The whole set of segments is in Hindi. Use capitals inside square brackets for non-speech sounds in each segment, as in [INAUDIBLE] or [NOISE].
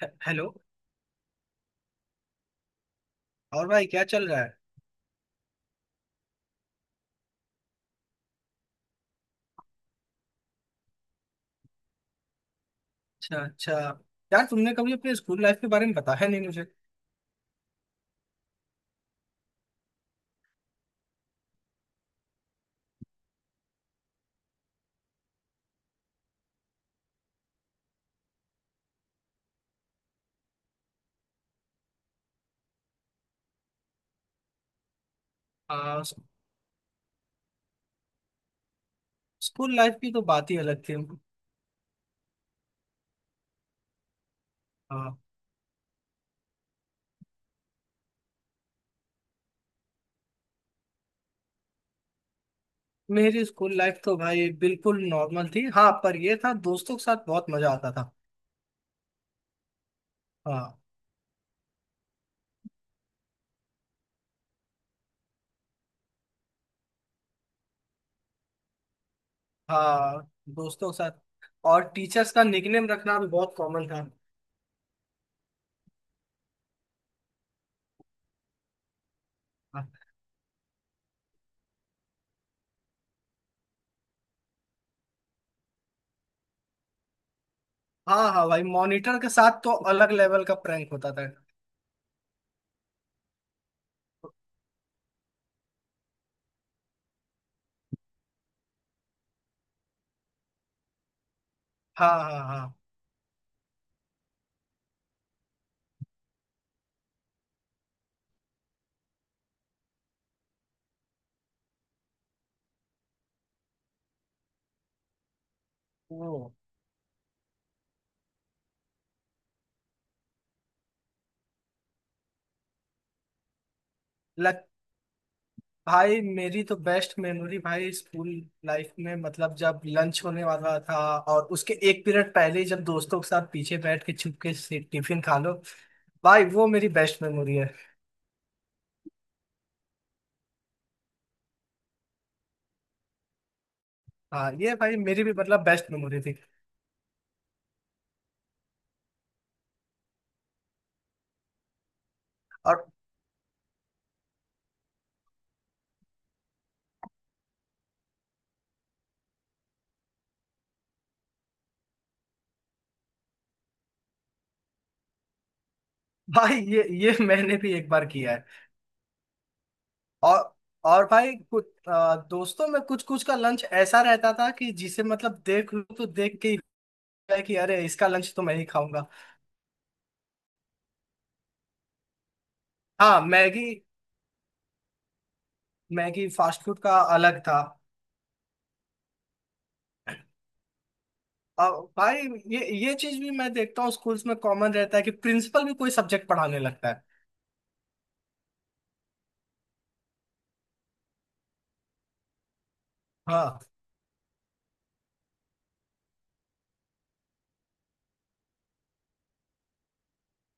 हेलो। और भाई क्या चल रहा है। अच्छा अच्छा। यार तुमने कभी अपने स्कूल लाइफ के बारे में बताया नहीं मुझे। आ, स- स्कूल लाइफ की तो बात ही अलग थी। आ, मेरी स्कूल लाइफ तो भाई बिल्कुल नॉर्मल थी। हाँ पर ये था दोस्तों के साथ बहुत मजा आता था। हाँ हाँ। दोस्तों के साथ और टीचर्स का निकनेम रखना भी बहुत कॉमन था। हाँ हाँ भाई, मॉनिटर के साथ तो अलग लेवल का प्रैंक होता था। हाँ हाँ हाँ, वो भाई मेरी तो बेस्ट मेमोरी भाई स्कूल लाइफ में, मतलब जब लंच होने वाला था और उसके एक पीरियड पहले ही जब दोस्तों के साथ पीछे बैठ के छुप के से टिफिन खा लो। भाई वो मेरी बेस्ट मेमोरी है। हाँ ये भाई मेरी भी मतलब बेस्ट मेमोरी थी। और भाई ये [LAUGHS] मैंने भी एक बार किया है। और और भाई कुछ दोस्तों में कुछ कुछ का लंच ऐसा रहता था कि जिसे मतलब देख लो तो देख के ही होता है कि अरे, इसका लंच तो मैं ही खाऊंगा। हाँ मैगी। मैगी फास्ट फूड का अलग था। आ, भाई ये चीज भी मैं देखता हूँ स्कूल्स में कॉमन रहता है कि प्रिंसिपल भी कोई सब्जेक्ट पढ़ाने लगता है। हाँ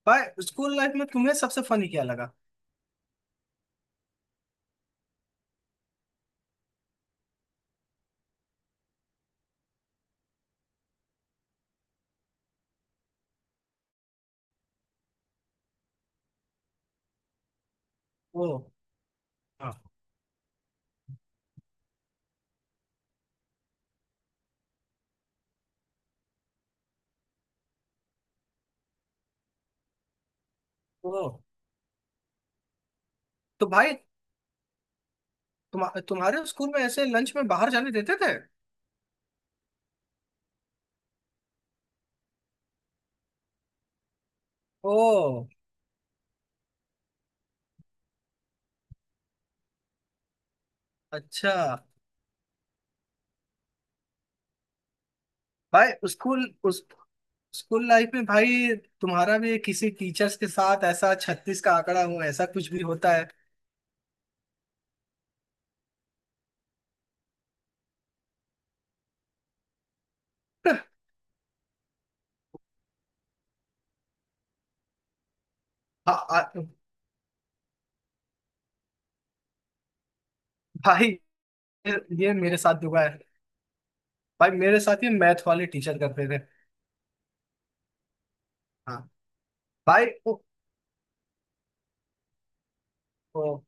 भाई, स्कूल लाइफ में तुम्हें सबसे फनी क्या लगा? वो हाँ। ओ तो भाई, तुम्हारे स्कूल में ऐसे लंच में बाहर जाने देते थे? ओ अच्छा। भाई उस स्कूल लाइफ में भाई तुम्हारा भी किसी टीचर्स के साथ ऐसा छत्तीस का आंकड़ा हो ऐसा कुछ भी होता है? [LAUGHS] आ, आ, भाई ये ये मेरे साथ हुआ है। भाई मेरे साथ ये मैथ वाले टीचर करते थे। हाँ। भाई वो,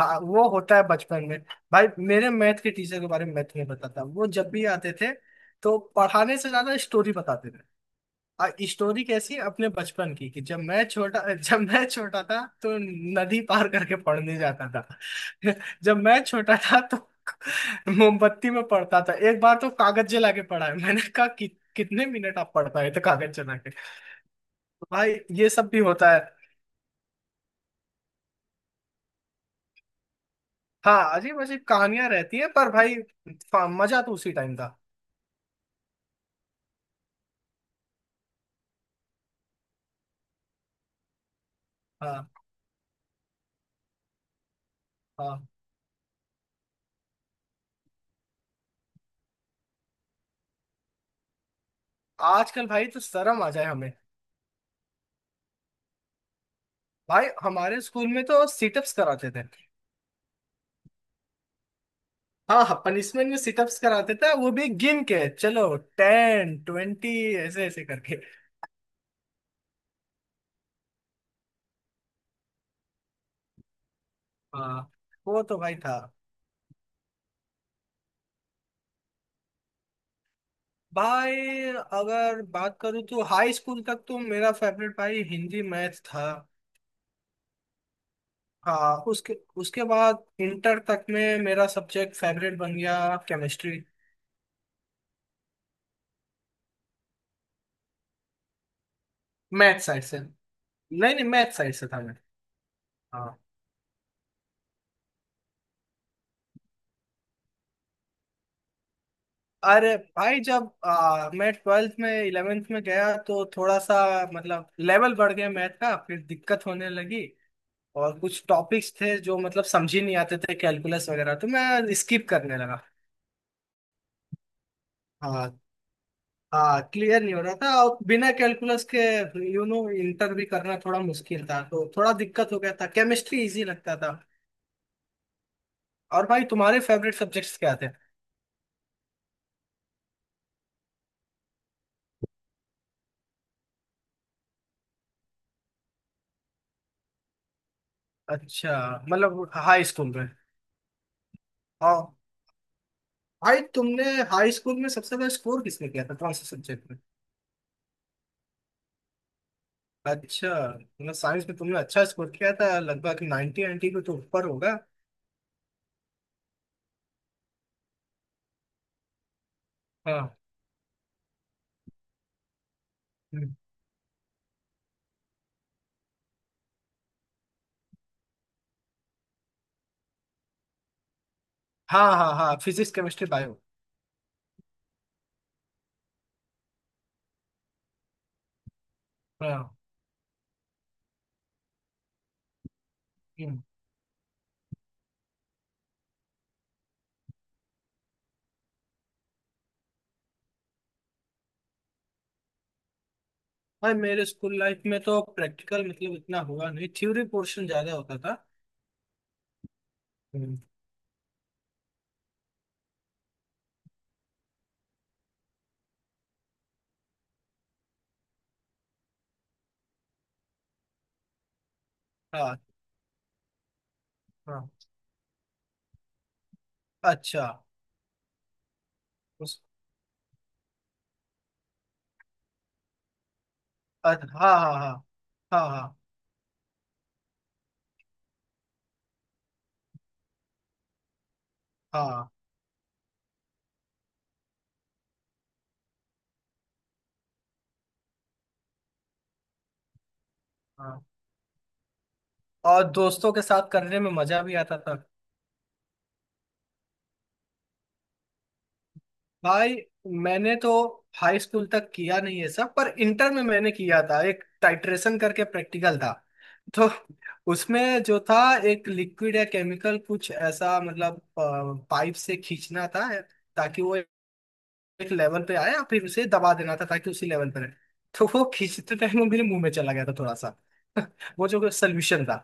हाँ, वो होता है बचपन में। भाई मेरे मैथ के टीचर के बारे में मैं तुम्हें बताता हूँ। वो जब भी आते थे तो पढ़ाने से ज्यादा स्टोरी बताते थे। और स्टोरी कैसी, अपने बचपन की कि जब मैं छोटा [LAUGHS] जब मैं छोटा था तो नदी पार करके पढ़ने जाता था। [LAUGHS] जब मैं छोटा था तो [LAUGHS] मोमबत्ती में पढ़ता था। एक बार तो कागज जला के पढ़ा है। मैंने कहा कि कितने मिनट आप पढ़ पाए थे कागज जला के? तो भाई ये सब भी होता है। हाँ अजीब अजीब कहानियां रहती हैं पर भाई मजा तो उसी टाइम था। हाँ हाँ। आजकल भाई तो शर्म आ जाए हमें। भाई हमारे स्कूल में तो सिटअप्स कराते थे। हाँ हाँ, पनिशमेंट में सिटअप्स कराते थे, वो भी गिन के, चलो 10 20 ऐसे ऐसे करके। हाँ वो तो भाई था। भाई अगर बात करूँ तो हाई स्कूल तक तो मेरा फेवरेट भाई हिंदी मैथ था। हाँ। उसके उसके बाद इंटर तक में मेरा सब्जेक्ट फेवरेट बन गया केमिस्ट्री। मैथ साइड से। नहीं नहीं, मैथ साइड से था मैं। हाँ। अरे भाई, जब मैं ट्वेल्थ में 11th में गया तो थोड़ा सा मतलब लेवल बढ़ गया मैथ का, फिर दिक्कत होने लगी। और कुछ टॉपिक्स थे जो मतलब समझ ही नहीं आते थे कैलकुलस वगैरह, तो मैं स्किप करने लगा। हाँ हाँ क्लियर नहीं हो रहा था और बिना कैलकुलस के इंटर भी करना थोड़ा मुश्किल था, तो थोड़ा दिक्कत हो गया था, केमिस्ट्री इजी लगता था। और भाई तुम्हारे फेवरेट सब्जेक्ट्स क्या थे? अच्छा मतलब हाई स्कूल में। हाँ। भाई तुमने हाई स्कूल में सबसे ज्यादा स्कोर किसने किया था, कौन से सब्जेक्ट में? अच्छा मतलब साइंस में तुमने अच्छा स्कोर किया था, लगभग 90, 90 के तो ऊपर होगा। हाँ। हम्म। हाँ हाँ हाँ, फिजिक्स केमिस्ट्री बायो। हाँ। हम्म। भाई मेरे स्कूल लाइफ में तो प्रैक्टिकल मतलब इतना हुआ नहीं, थ्योरी पोर्शन ज्यादा होता था। हम्म। हाँ हाँ। अच्छा उस हाँ हाँ हाँ हाँ हाँ हाँ हाँ। और दोस्तों के साथ करने में मजा भी आता था। भाई मैंने तो हाई स्कूल तक किया नहीं है सब, पर इंटर में मैंने किया था एक टाइट्रेशन करके प्रैक्टिकल था। तो उसमें जो था एक लिक्विड या केमिकल कुछ ऐसा, मतलब पाइप से खींचना था ताकि वो एक लेवल पे आए और फिर उसे दबा देना था ताकि उसी लेवल पे रहे। तो वो खींचते टाइम वो मेरे मुंह में चला गया था थोड़ा सा। [LAUGHS] वो जो सोल्यूशन था।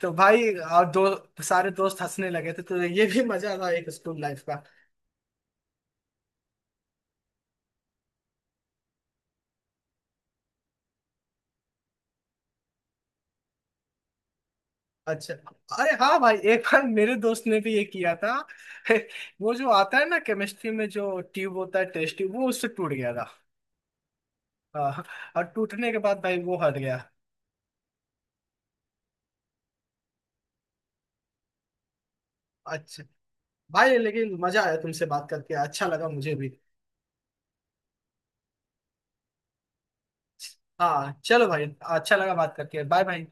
तो भाई, और दो सारे दोस्त हंसने लगे थे, तो ये भी मजा था एक स्कूल लाइफ। अच्छा। अरे हाँ भाई, एक बार मेरे दोस्त ने भी ये किया था। [LAUGHS] वो जो आता है ना केमिस्ट्री में, जो ट्यूब होता है टेस्ट ट्यूब, वो उससे टूट गया था। हाँ। और टूटने के बाद भाई वो हट गया। अच्छा भाई, लेकिन मजा आया तुमसे बात करके, अच्छा लगा मुझे भी। हाँ चलो भाई, अच्छा लगा बात करके। Bye bye.